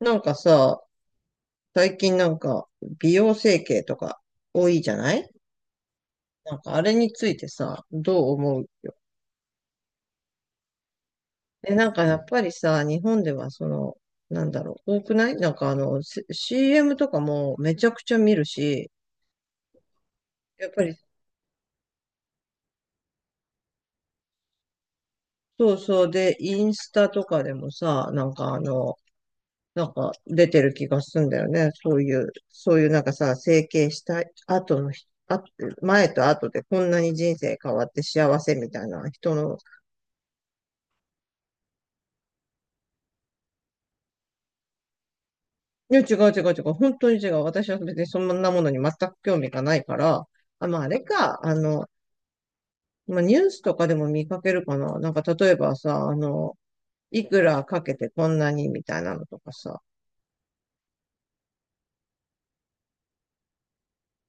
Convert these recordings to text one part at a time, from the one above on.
なんかさ、最近なんか美容整形とか多いじゃない？なんかあれについてさ、どう思う？え、なんかやっぱりさ、日本ではその、なんだろう、多くないなんかあの、C- m とかもめちゃくちゃ見るし、やっぱり。そうそう。で、インスタとかでもさ、なんかあの、なんか出てる気がするんだよね。そういうなんかさ、整形した後の人、あ、前と後でこんなに人生変わって幸せみたいな人の。いや、違う違う違う。本当に違う。私は別にそんなものに全く興味がないから。あ、まあ、あれか。あの、まあ、ニュースとかでも見かけるかな。なんか、例えばさ、あの、いくらかけてこんなにみたいなのとかさ。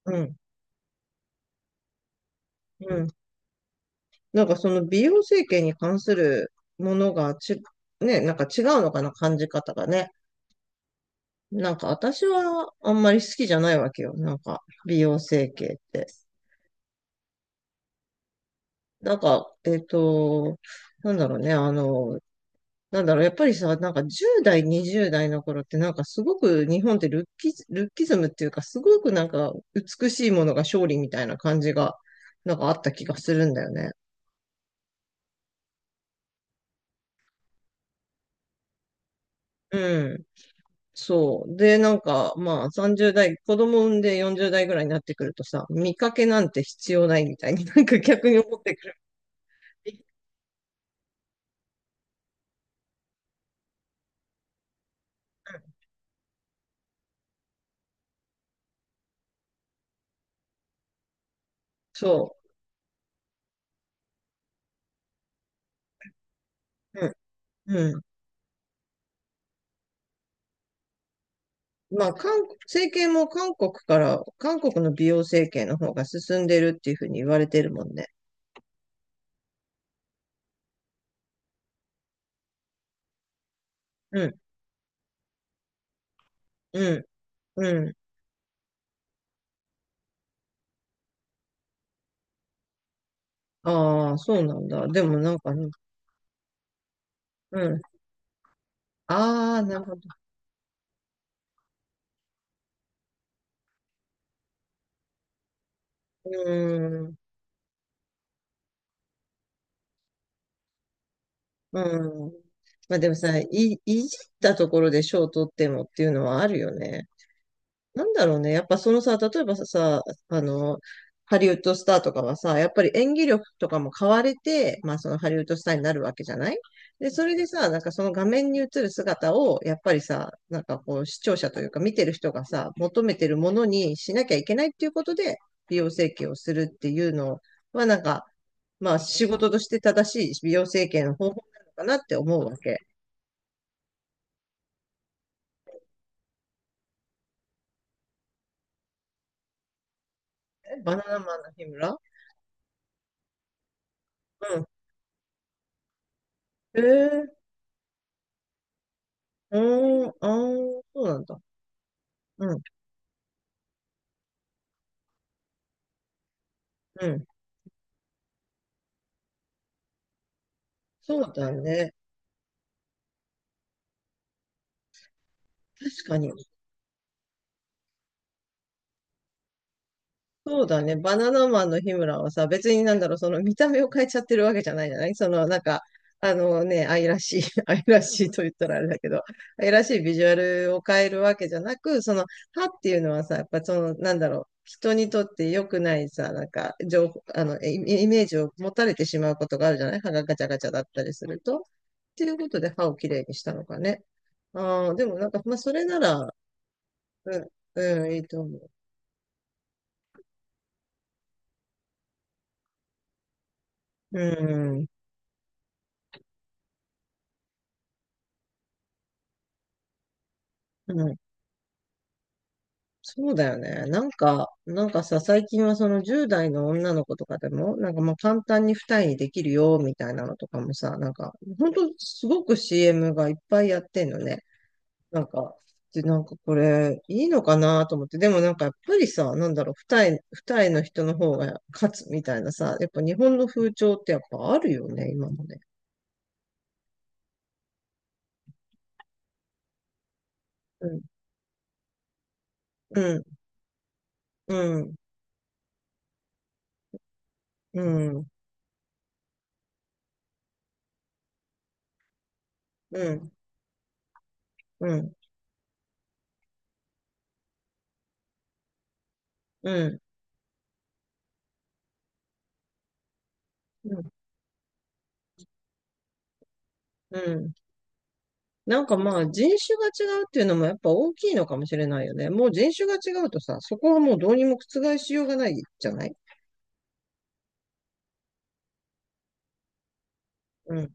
うん。うん。なんか、その美容整形に関するものがち、ね、なんか違うのかな、感じ方がね。なんか、私はあんまり好きじゃないわけよ。なんか、美容整形って。なんか、なんだろうね、あの、なんだろう、やっぱりさ、なんか10代、20代の頃ってなんかすごく日本ってルッキズムっていうかすごくなんか美しいものが勝利みたいな感じがなんかあった気がするんだよね。うん。そう。で、なんかまあ30代、子供産んで40代ぐらいになってくるとさ、見かけなんて必要ないみたいになんか逆に思ってくる。うん。そう。うん。うん。まあ、韓国、整形も韓国から、韓国の美容整形の方が進んでるっていうふうに言われてるもんね。うん。うん。うん。ああ、そうなんだ。でもなんかね、うん。ああ、なるほど。うん。うん。まあでもさ、いじったところで賞を取ってもっていうのはあるよね。なんだろうね。やっぱそのさ、例えばさ、あの、ハリウッドスターとかはさ、やっぱり演技力とかも買われて、まあそのハリウッドスターになるわけじゃない。で、それでさ、なんかその画面に映る姿を、やっぱりさ、なんかこう視聴者というか見てる人がさ、求めてるものにしなきゃいけないっていうことで、美容整形をするっていうのは、なんか、まあ仕事として正しい美容整形の方法なのかなって思うわけ。えバナナマンの日村。うん。へえ、うん、ああ、そうなんだ。うん、うん。そうだね。確かに。そうだね。バナナマンの日村はさ、別になんだろう、その見た目を変えちゃってるわけじゃないじゃない。その、なんか、あのね、愛らしい、愛らしいと言ったらあれだけど、愛らしいビジュアルを変えるわけじゃなく、その、歯っていうのはさ、やっぱその、なんだろう、人にとって良くないさ、なんか、情報、あの、イイメージを持たれてしまうことがあるじゃない。歯がガチャガチャだったりすると。っていうことで歯をきれいにしたのかね。ああ、でもなんか、まあ、それなら、うん、うん、いいと思う。うん、うん。そうだよね。なんか、なんかさ、最近はその10代の女の子とかでも、なんかまあ簡単に二重にできるよ、みたいなのとかもさ、なんか、ほんとすごく CM がいっぱいやってんのね。なんか、で、なんかこれ、いいのかなと思って。でもなんかやっぱりさ、なんだろう、二重の人の方が勝つみたいなさ、やっぱ日本の風潮ってやっぱあるよね、今もね。うん、うん、うん、うん、うん、うん、うん。うん。なんかまあ人種が違うっていうのもやっぱ大きいのかもしれないよね。もう人種が違うとさ、そこはもうどうにも覆しようがないじゃない。うん。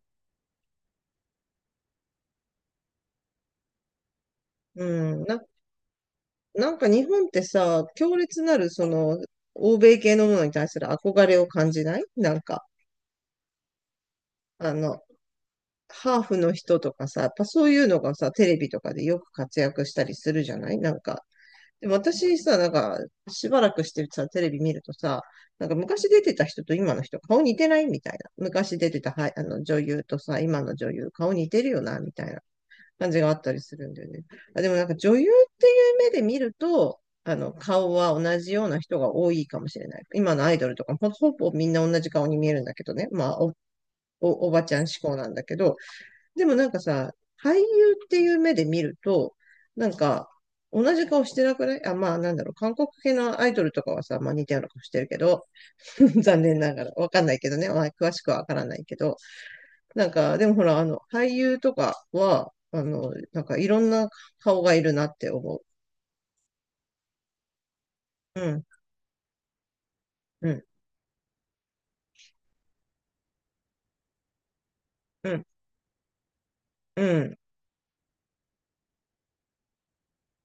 うん。なんか日本ってさ、強烈なるその欧米系のものに対する憧れを感じないなんか、あの、ハーフの人とかさ、やっぱそういうのがさ、テレビとかでよく活躍したりするじゃない。なんかでも私さ、なんか、しばらくしてさ、テレビ見るとさ、なんか昔出てた人と今の人、顔似てないみたいな。昔出てた、はい、あの女優とさ、今の女優、顔似てるよな、みたいな感じがあったりするんだよね。あ、でもなんか女優っていう目で見ると、あの、顔は同じような人が多いかもしれない。今のアイドルとかもほぼみんな同じ顔に見えるんだけどね。まあ、おばちゃん志向なんだけど、でもなんかさ、俳優っていう目で見ると、なんか、同じ顔してなくない？あ、まあなんだろう、韓国系のアイドルとかはさ、まあ似たような顔してるけど、残念ながら、わかんないけどね、まあ詳しくはわからないけど、なんか、でもほら、あの、俳優とかは、あの、なんかいろんな顔がいるなって思う。うん、うん、うん、うん。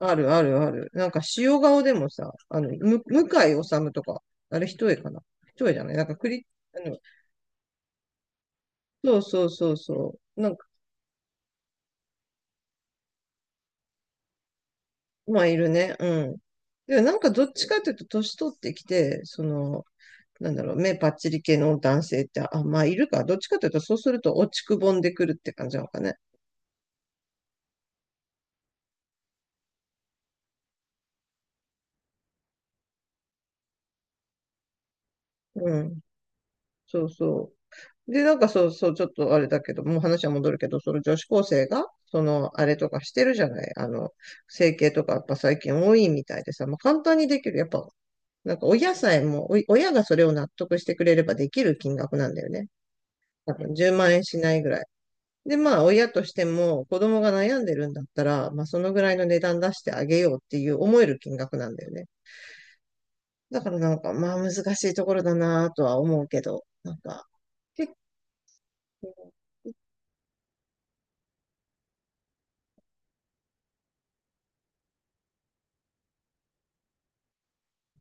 あるあるある。なんか塩顔でもさ、あの、向井治とか、あれ一重かな。一重じゃない。なんかクリ、あの、そうそうそうそう。まあ、いるね。うん。で、なんかどっちかというと、年取ってきて、その、なんだろう、目パッチリ系の男性って、あ、まあ、いるか。どっちかというと、そうすると落ちくぼんでくるって感じなのかね。うん。そうそう。で、なんかそうそう、ちょっとあれだけど、もう話は戻るけど、その女子高生が、その、あれとかしてるじゃない。あの、整形とかやっぱ最近多いみたいでさ、まあ、簡単にできる。やっぱ、なんか親さえも、お親がそれを納得してくれればできる金額なんだよね。多分10万円しないぐらい。で、まあ、親としても、子供が悩んでるんだったら、まあ、そのぐらいの値段出してあげようっていう思える金額なんだよね。だからなんか、まあ、難しいところだなとは思うけど、なんか、結構、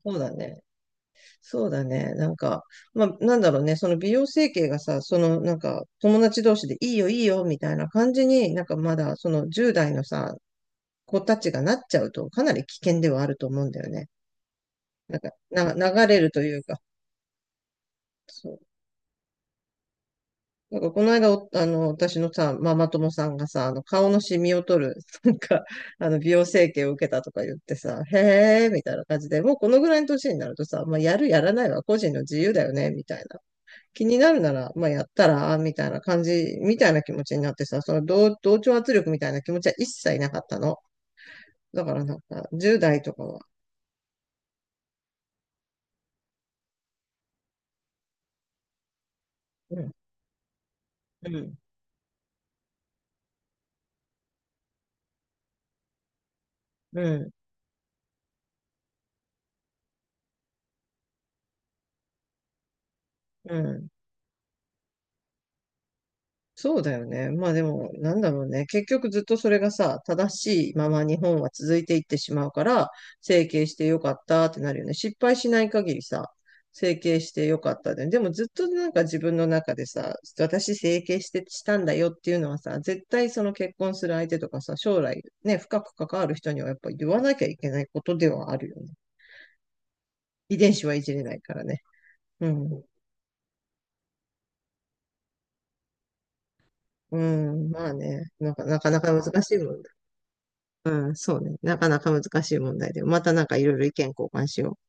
そうだね。そうだね。なんか、まあ、なんだろうね。その美容整形がさ、その、なんか、友達同士でいいよ、いいよ、みたいな感じになんかまだ、その10代のさ、子たちがなっちゃうと、かなり危険ではあると思うんだよね。なんか、流れるというか、そう。なんかこの間あの、私のさ、ママ友さんがさ、あの、顔のシミを取る、なんか、あの、美容整形を受けたとか言ってさ、へえー、みたいな感じで、もうこのぐらいの年になるとさ、まあ、やる、やらないは個人の自由だよね、みたいな。気になるなら、まあ、やったら、みたいな感じ、みたいな気持ちになってさ、その同調圧力みたいな気持ちは一切なかったの。だからなんか、10代とかは、うん、うん、うん、うん。そうだよね。まあでも、なんだろうね。結局ずっとそれがさ、正しいまま日本は続いていってしまうから、整形してよかったってなるよね。失敗しない限りさ、整形してよかったで。でもずっとなんか自分の中でさ、私整形してしたんだよっていうのはさ、絶対その結婚する相手とかさ、将来ね、深く関わる人にはやっぱ言わなきゃいけないことではあるよね。遺伝子はいじれないからね。うん。うん。まあね、なんかなかなか難しいもんね。うん、そうね。なかなか難しい問題で。またなんかいろいろ意見交換しよう。